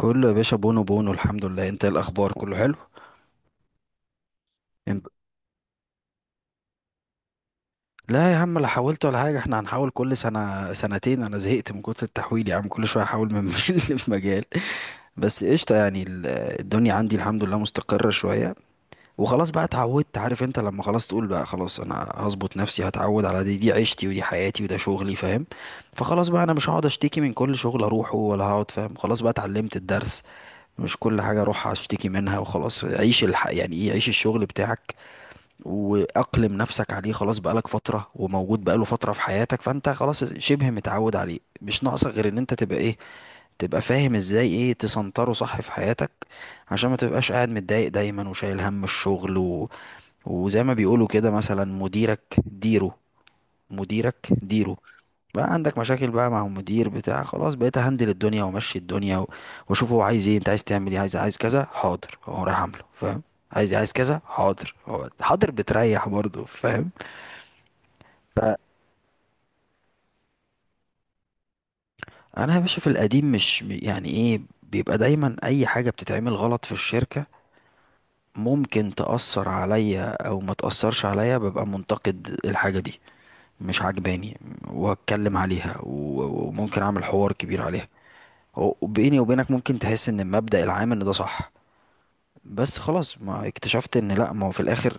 كله يا باشا، بونو بونو الحمد لله. انت ايه الاخبار؟ كله حلو؟ إم- لا يا عم، لا حاولت ولا حاجه. احنا هنحاول كل سنه سنتين، انا زهقت من كتر التحويل يا عم، كل شويه احاول من مجال لمجال. بس قشطه يعني، الدنيا عندي الحمد لله مستقره شويه. وخلاص بقى اتعودت. عارف انت لما خلاص تقول بقى خلاص انا هظبط نفسي، هتعود على دي عيشتي ودي حياتي وده شغلي، فاهم. فخلاص بقى انا مش هقعد اشتكي من كل شغل اروحه ولا هقعد، فاهم. خلاص بقى اتعلمت الدرس. مش كل حاجة اروح اشتكي منها. وخلاص يعني ايه، عيش الشغل بتاعك واقلم نفسك عليه. خلاص بقالك فترة، وموجود بقاله فترة في حياتك، فانت خلاص شبه متعود عليه. مش ناقصك غير ان انت تبقى ايه، تبقى فاهم ازاي ايه تسنتره صح في حياتك. عشان ما تبقاش قاعد متضايق دايما وشايل هم الشغل. وزي ما بيقولوا كده، مثلا مديرك ديره، مديرك ديره. بقى عندك مشاكل بقى مع المدير بتاع، خلاص بقيت هندل الدنيا وامشي الدنيا واشوف هو عايز ايه. انت عايز تعمل ايه؟ عايز عايز كذا، حاضر، هو رايح عامله، فاهم. عايز عايز كذا، حاضر، هو حاضر بتريح برضه، فاهم. فانا يا باشا، في القديم، مش يعني ايه، بيبقى دايما اي حاجه بتتعمل غلط في الشركه، ممكن تأثر عليا او ما تأثرش عليا، ببقى منتقد الحاجه دي، مش عجباني، وهتكلم عليها وممكن اعمل حوار كبير عليها. وبيني وبينك ممكن تحس ان المبدأ العام ان ده صح. بس خلاص ما اكتشفت ان لا، ما هو في الاخر،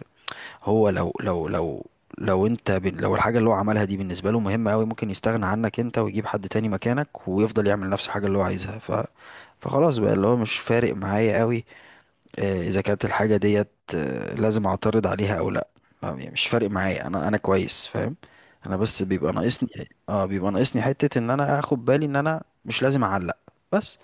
هو لو الحاجة اللي هو عملها دي بالنسبة له مهمة قوي، ممكن يستغنى عنك انت ويجيب حد تاني مكانك، ويفضل يعمل نفس الحاجة اللي هو عايزها. فخلاص بقى، اللي هو مش فارق معايا قوي. آه، اذا كانت الحاجه ديت، لازم اعترض عليها او لا. آه، يعني مش فارق معايا. انا كويس فاهم. انا بس بيبقى ناقصني، اه، بيبقى ناقصني حته ان انا اخد بالي ان انا مش لازم اعلق. بس.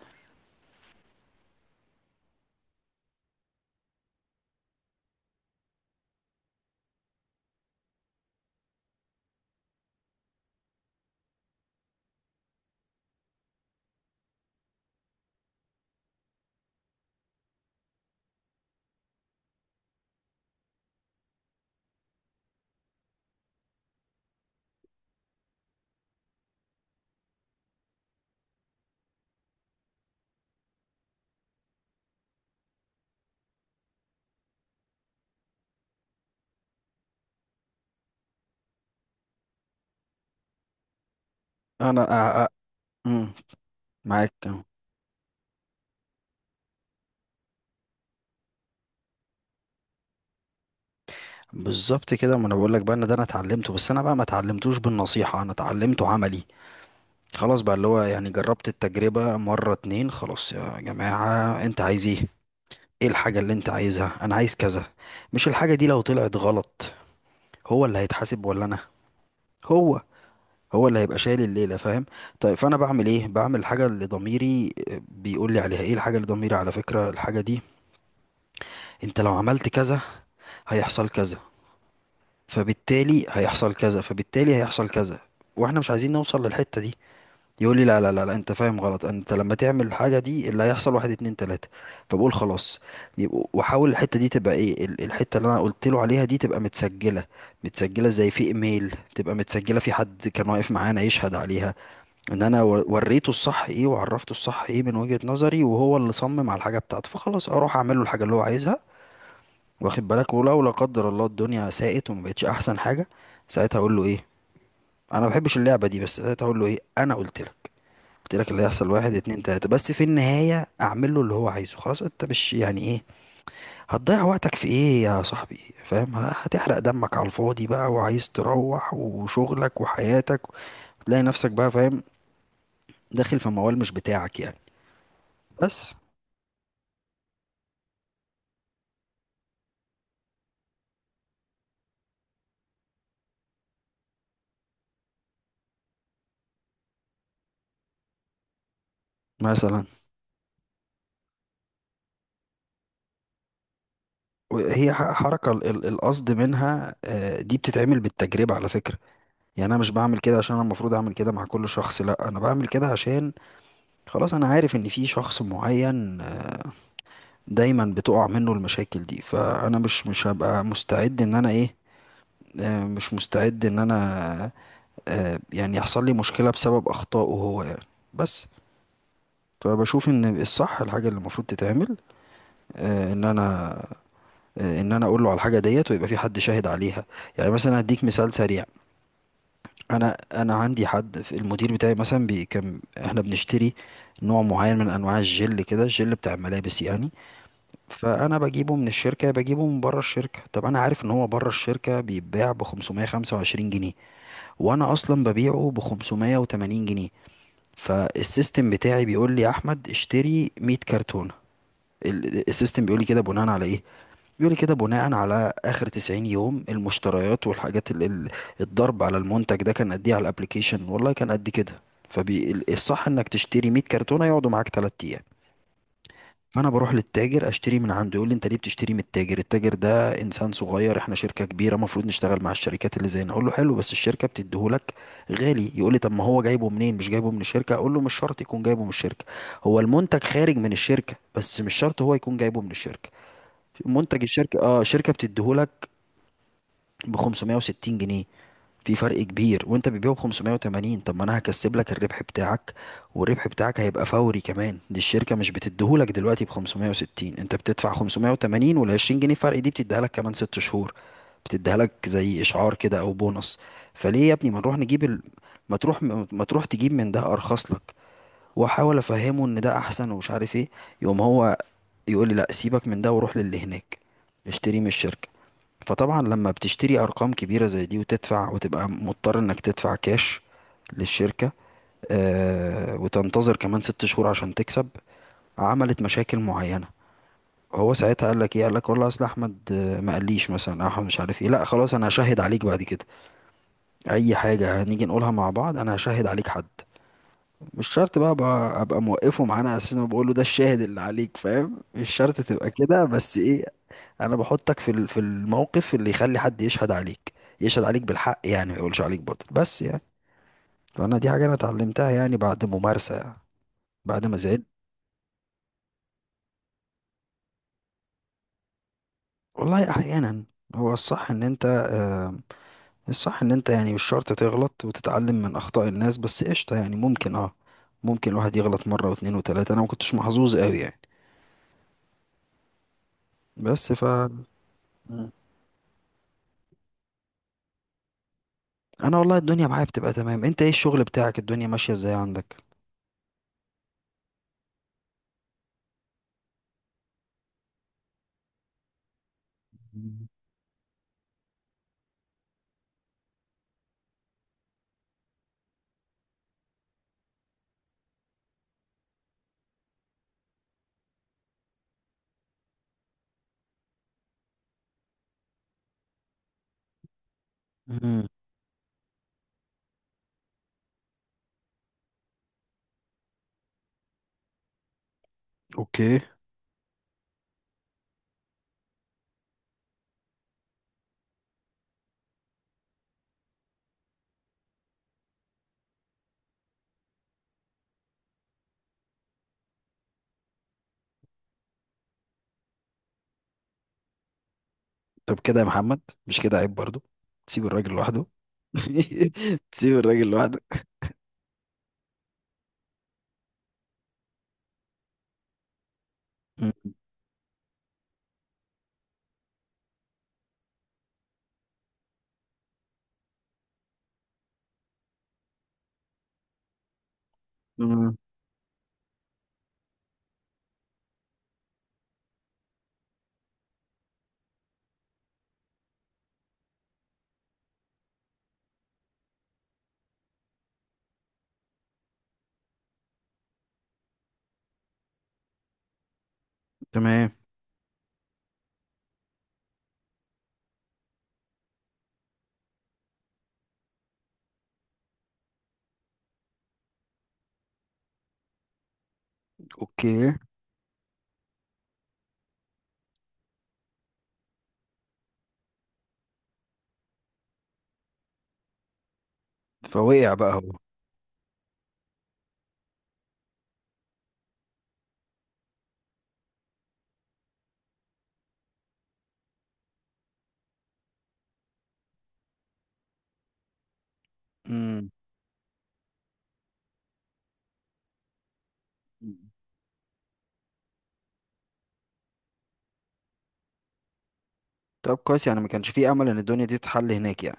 انا أ... أ... مم، معاك، آه. بالظبط كده، ما انا بقول لك بقى ان ده انا اتعلمته. بس انا بقى ما اتعلمتوش بالنصيحه، انا اتعلمته عملي. خلاص بقى، اللي هو يعني، جربت التجربه مره اتنين. خلاص يا جماعه، انت عايز ايه؟ ايه الحاجه اللي انت عايزها؟ انا عايز كذا. مش الحاجه دي لو طلعت غلط، هو اللي هيتحاسب ولا انا؟ هو هو اللي هيبقى شايل الليله، فاهم. طيب فانا بعمل ايه؟ بعمل الحاجه اللي ضميري بيقول لي عليها. ايه الحاجه اللي ضميري؟ على فكره الحاجه دي، انت لو عملت كذا، هيحصل كذا، فبالتالي هيحصل كذا، فبالتالي هيحصل كذا، واحنا مش عايزين نوصل للحته دي. يقول لي لا لا لا لا، انت فاهم غلط. انت لما تعمل الحاجه دي، اللي هيحصل واحد اتنين تلاته. فبقول خلاص، واحاول الحته دي تبقى ايه، الحته اللي انا قلت له عليها دي تبقى متسجله. متسجله زي في ايميل، تبقى متسجله في حد كان واقف معانا يشهد عليها. ان انا وريته الصح ايه، وعرفته الصح ايه من وجهه نظري، وهو اللي صمم على الحاجه بتاعته، فخلاص اروح اعمل له الحاجه اللي هو عايزها. واخد بالك. ولو لا قدر الله الدنيا ساءت وما بقتش احسن حاجه، ساعتها اقول له ايه؟ انا ما بحبش اللعبه دي، بس ساعتها اقول له ايه؟ انا قلت لك، قلت لك اللي هيحصل واحد اتنين تلاتة. بس في النهاية اعمل له اللي هو عايزه خلاص، انت مش يعني ايه، هتضيع وقتك في ايه يا صاحبي؟ فاهم، هتحرق دمك على الفاضي بقى، وعايز تروح وشغلك وحياتك، تلاقي نفسك بقى، فاهم، داخل في موال مش بتاعك يعني. بس. مثلا، هي حركة القصد منها، دي بتتعمل بالتجربة على فكرة. يعني انا مش بعمل كده عشان انا المفروض اعمل كده مع كل شخص، لا انا بعمل كده عشان خلاص انا عارف ان في شخص معين دايما بتقع منه المشاكل دي، فانا مش هبقى مستعد ان انا ايه، آه، مش مستعد ان انا، يعني يحصل لي مشكلة بسبب اخطائه هو يعني. بس. فبشوف ان الصح الحاجة اللي المفروض تتعمل، ان انا، ان انا اقول له على الحاجة ديت، ويبقى في حد شاهد عليها. يعني مثلا هديك مثال سريع. انا عندي حد في المدير بتاعي، مثلا بي، كان احنا بنشتري نوع معين من انواع الجل، كده الجل بتاع الملابس يعني. فانا بجيبه من الشركه، بجيبه من بره الشركه. طب انا عارف ان هو بره الشركه بيتباع ب 525 جنيه، وانا اصلا ببيعه ب 580 جنيه. فالسيستم بتاعي بيقول لي يا احمد، اشتري 100 كرتونه. السيستم بيقول لي كده بناء على ايه؟ بيقول لي كده بناء على اخر 90 يوم، المشتريات والحاجات، الضرب على المنتج ده كان قد ايه على الابليكيشن، والله كان قد كده. فالصح انك تشتري 100 كرتونه يقعدوا معاك 3 ايام. فانا بروح للتاجر اشتري من عنده. يقول لي انت ليه بتشتري من التاجر، التاجر ده انسان صغير، احنا شركه كبيره المفروض نشتغل مع الشركات اللي زينا. اقول له حلو، بس الشركه بتديهولك غالي. يقول لي طب ما هو جايبه منين، مش جايبه من الشركه؟ اقول له مش شرط يكون جايبه من الشركه. هو المنتج خارج من الشركه، بس مش شرط هو يكون جايبه من الشركه. منتج الشركه، اه، الشركه بتديهولك ب 560 جنيه. في فرق كبير، وانت بتبيعه ب 580. طب ما انا هكسب لك الربح بتاعك. والربح بتاعك هيبقى فوري كمان. دي الشركة مش بتديهولك دلوقتي ب 560، انت بتدفع 580، وال 20 جنيه فرق دي بتديها لك كمان 6 شهور. بتديها لك زي اشعار كده، او بونص. فليه يا ابني ما نروح نجيب ما تروح ما تروح تجيب من ده ارخص لك. واحاول افهمه ان ده احسن ومش عارف ايه. يقوم هو يقول لي لا، سيبك من ده وروح للي هناك، اشتري من الشركة. فطبعا لما بتشتري ارقام كبيره زي دي وتدفع، وتبقى مضطر انك تدفع كاش للشركه، آه، وتنتظر كمان 6 شهور عشان تكسب، عملت مشاكل معينة. هو ساعتها قال لك ايه؟ قال لك والله اصل احمد ما قاليش مثلا، أو احمد مش عارف ايه، لا خلاص انا هشهد عليك بعد كده. اي حاجة هنيجي نقولها مع بعض انا هشهد عليك. حد مش شرط بقى أبقى موقفه معانا اساس ما بقول له ده الشاهد اللي عليك، فاهم. مش شرط تبقى كده، بس ايه، انا بحطك في في الموقف اللي يخلي حد يشهد عليك. يشهد عليك بالحق، يعني ما يقولش عليك باطل، بس يعني. فانا دي حاجه انا اتعلمتها يعني، بعد ممارسه، بعد ما زعلت. والله احيانا. هو الصح ان انت يعني مش شرط تغلط وتتعلم من اخطاء الناس. بس قشطه يعني ممكن، ممكن الواحد يغلط مره واتنين وتلاته، انا ما كنتش محظوظ قوي يعني. بس ف مم. انا والله الدنيا معايا بتبقى تمام. انت ايه الشغل بتاعك؟ الدنيا ماشيه ازاي عندك؟ مم. مم. اوكي. طب كده يا محمد؟ مش كده عيب برضو. تسيب الراجل لوحده. تسيب الراجل لوحده. مم. مم. تمام. اوكي. فوقع بقى هو. مم. طب كويس يعني، ما كانش فيه امل ان الدنيا دي تتحل هناك يعني؟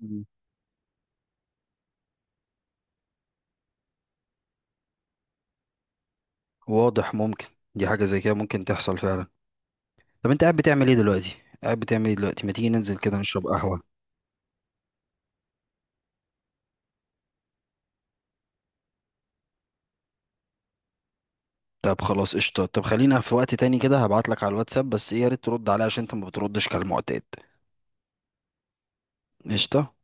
مم. واضح، ممكن. دي حاجة زي كده ممكن تحصل فعلا. طب انت قاعد بتعمل ايه دلوقتي؟ قاعد بتعمل ايه دلوقتي؟ ما تيجي ننزل كده نشرب قهوة. طب خلاص، قشطة. طب خلينا في وقت تاني كده، هبعت لك على الواتساب. بس ايه، يا ريت ترد عليا عشان انت ما بتردش كالمعتاد. قشطة.